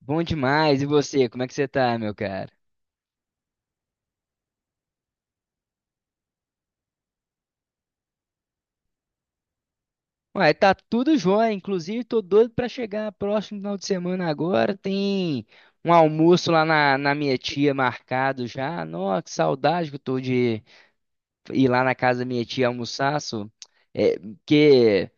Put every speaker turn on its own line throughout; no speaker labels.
Bom demais. E você, como é que você tá, meu cara? Ué, tá tudo jóia. Inclusive, tô doido pra chegar próximo final de semana agora. Tem um almoço lá na minha tia marcado já. Nossa, que saudade que eu tô de ir lá na casa da minha tia almoçar, só. É, porque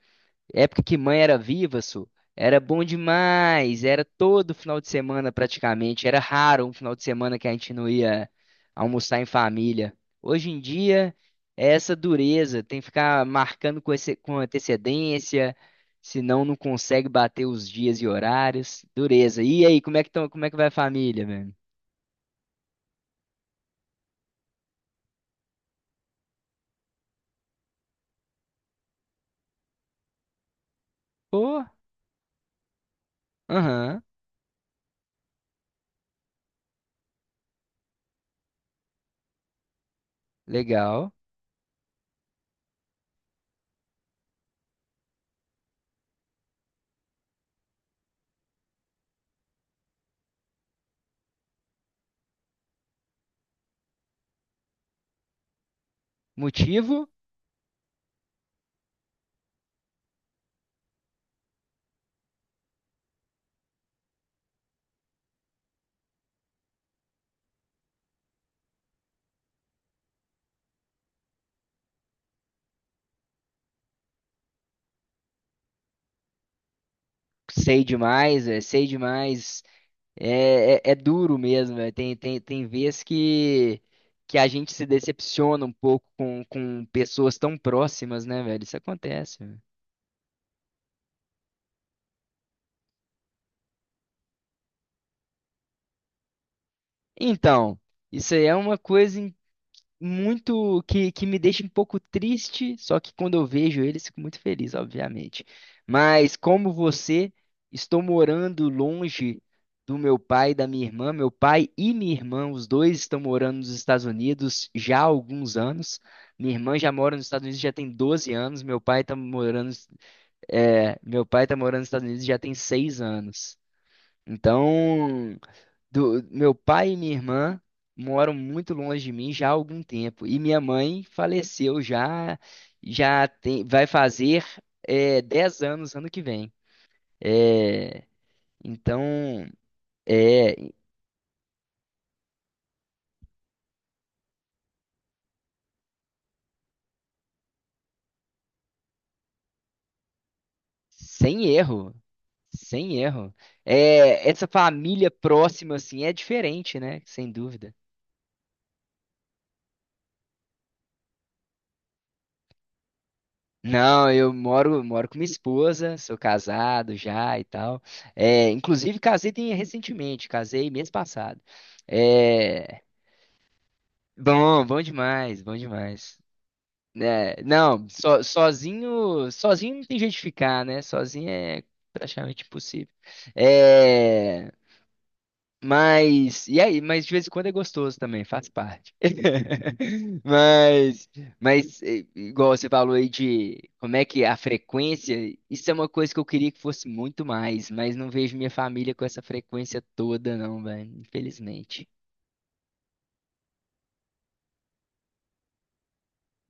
Época que mãe era viva, era bom demais. Era todo final de semana praticamente. Era raro um final de semana que a gente não ia almoçar em família. Hoje em dia é essa dureza, tem que ficar marcando com antecedência, senão não consegue bater os dias e horários. Dureza. E aí, como é que tão, como é que vai a família, velho? Pô, aham, legal. Motivo? Sei demais, é, sei demais. É duro mesmo, é. Tem vezes que a gente se decepciona um pouco com pessoas tão próximas, né, velho? Isso acontece, velho. Então, isso aí é uma coisa muito que me deixa um pouco triste, só que quando eu vejo eles fico muito feliz, obviamente. Mas como você, estou morando longe do meu pai e da minha irmã. Meu pai e minha irmã, os dois estão morando nos Estados Unidos já há alguns anos. Minha irmã já mora nos Estados Unidos já tem 12 anos. Meu pai tá morando nos Estados Unidos já tem 6 anos. Então, meu pai e minha irmã moram muito longe de mim já há algum tempo. E minha mãe faleceu já, já tem, vai fazer 10 anos ano que vem. É, então, é, sem erro, sem erro. É, essa família próxima, assim, é diferente, né? Sem dúvida. Não, moro com minha esposa, sou casado já e tal. É, inclusive, recentemente, casei mês passado. É, bom, bom demais, bom demais. É, não, sozinho, sozinho não tem jeito de ficar, né? Sozinho é praticamente impossível. É, mas, e aí? Mas de vez em quando é gostoso também, faz parte. Mas, igual você falou aí de como é que é a frequência, isso é uma coisa que eu queria que fosse muito mais, mas não vejo minha família com essa frequência toda, não, velho. Infelizmente.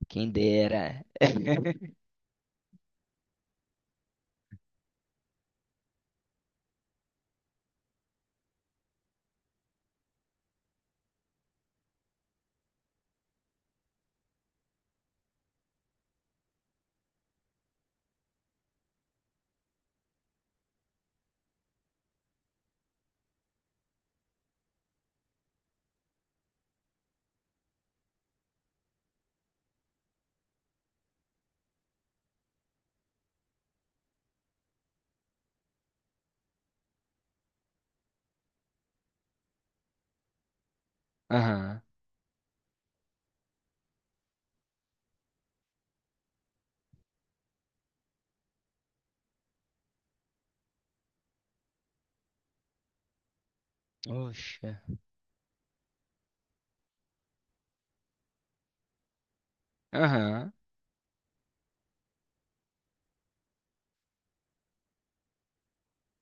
Quem dera. Aham. Oxa. Aham.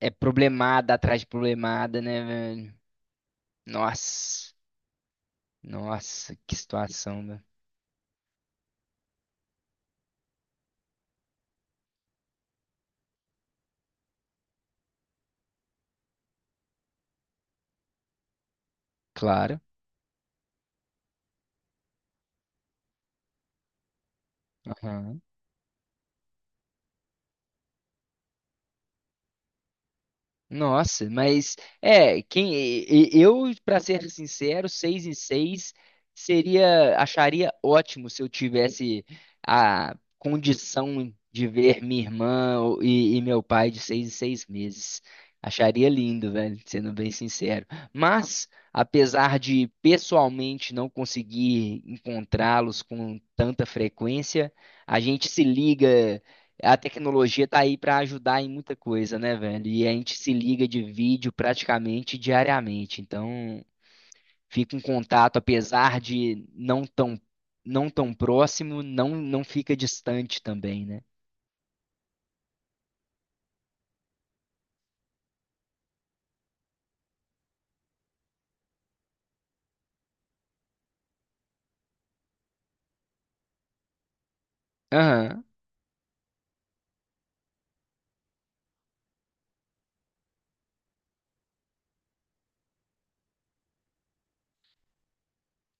É problemada atrás de problemada, né, velho? Nossa. Nossa, que situação, velho. Claro. Nossa, mas é, eu, para ser sincero, seis em seis seria, acharia ótimo se eu tivesse a condição de ver minha irmã e meu pai de seis em seis meses. Acharia lindo, velho, sendo bem sincero. Mas, apesar de pessoalmente não conseguir encontrá-los com tanta frequência, a gente se liga, a tecnologia tá aí para ajudar em muita coisa, né, velho? E a gente se liga de vídeo praticamente diariamente. Então, fica um contato, apesar de não tão próximo, não, não fica distante também, né? Aham.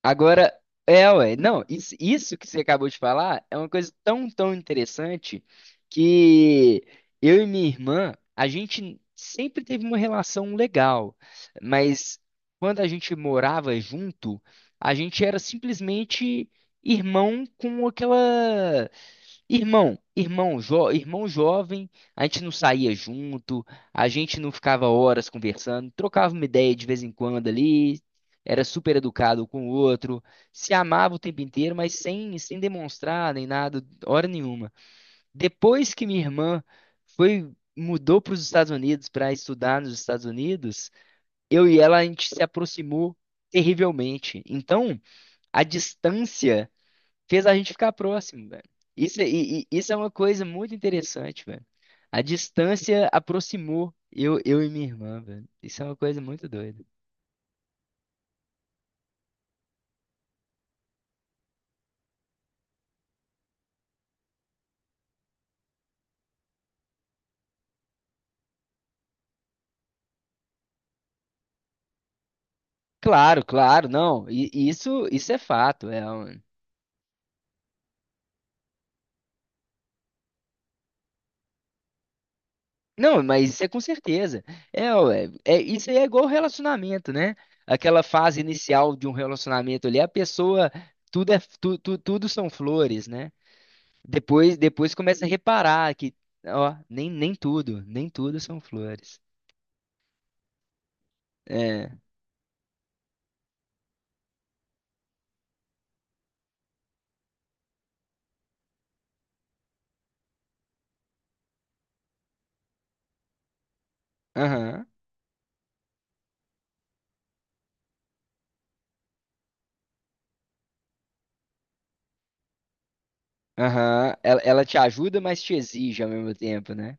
Agora, é, ué, não, isso que você acabou de falar é uma coisa tão, tão interessante que eu e minha irmã, a gente sempre teve uma relação legal, mas quando a gente morava junto, a gente era simplesmente irmão com aquela. Irmão jovem, a gente não saía junto, a gente não ficava horas conversando, trocava uma ideia de vez em quando ali, era super educado com o outro, se amava o tempo inteiro, mas sem, sem demonstrar nem nada, hora nenhuma. Depois que minha irmã foi Mudou para os Estados Unidos para estudar nos Estados Unidos, eu e ela a gente se aproximou terrivelmente. Então, a distância fez a gente ficar próximo, velho. Isso é uma coisa muito interessante, velho. A distância aproximou eu e minha irmã, velho. Isso é uma coisa muito doida. Claro, claro, não. E isso é fato. Não, mas isso é com certeza. É, ué, é, isso aí é igual relacionamento, né? Aquela fase inicial de um relacionamento ali, a pessoa, tudo é, tu, tu- tudo são flores, né? Depois, depois começa a reparar que, ó, nem tudo, nem tudo são flores. É, aham, aham. Ela te ajuda, mas te exige ao mesmo tempo, né?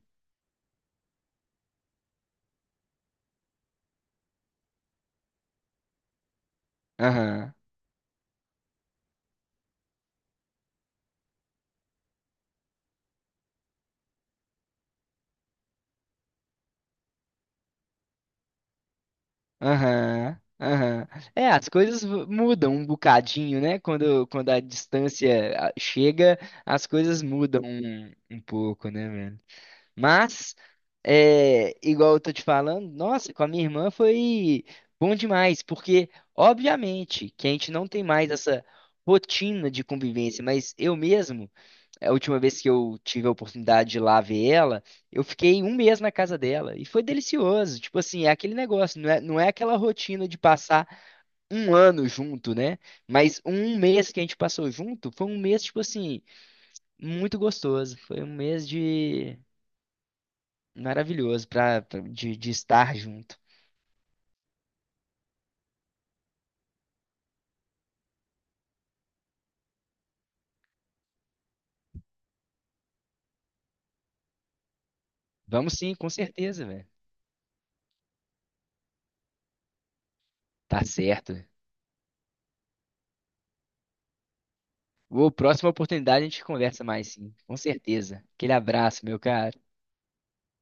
Aham. Aham, aham. Mudam um bocadinho, né? Quando a distância ah, chega, as coisas mudam um, um pouco, né, velho? Mas, é, igual eu tô te falando, nossa, com a minha irmã foi bom demais, porque, obviamente, que a gente não tem mais essa rotina de convivência, mas eu mesmo a última vez que eu tive a oportunidade de ir lá ver ela, eu fiquei um mês na casa dela e foi delicioso. Tipo assim, é aquele negócio, não é aquela rotina de passar um ano junto, né? Mas um mês que a gente passou junto foi um mês, tipo assim, muito gostoso. Foi um mês de maravilhoso pra, pra- de estar junto. Vamos sim, com certeza, velho. Tá certo. Ô, próxima oportunidade a gente conversa mais sim, com certeza. Aquele abraço, meu cara.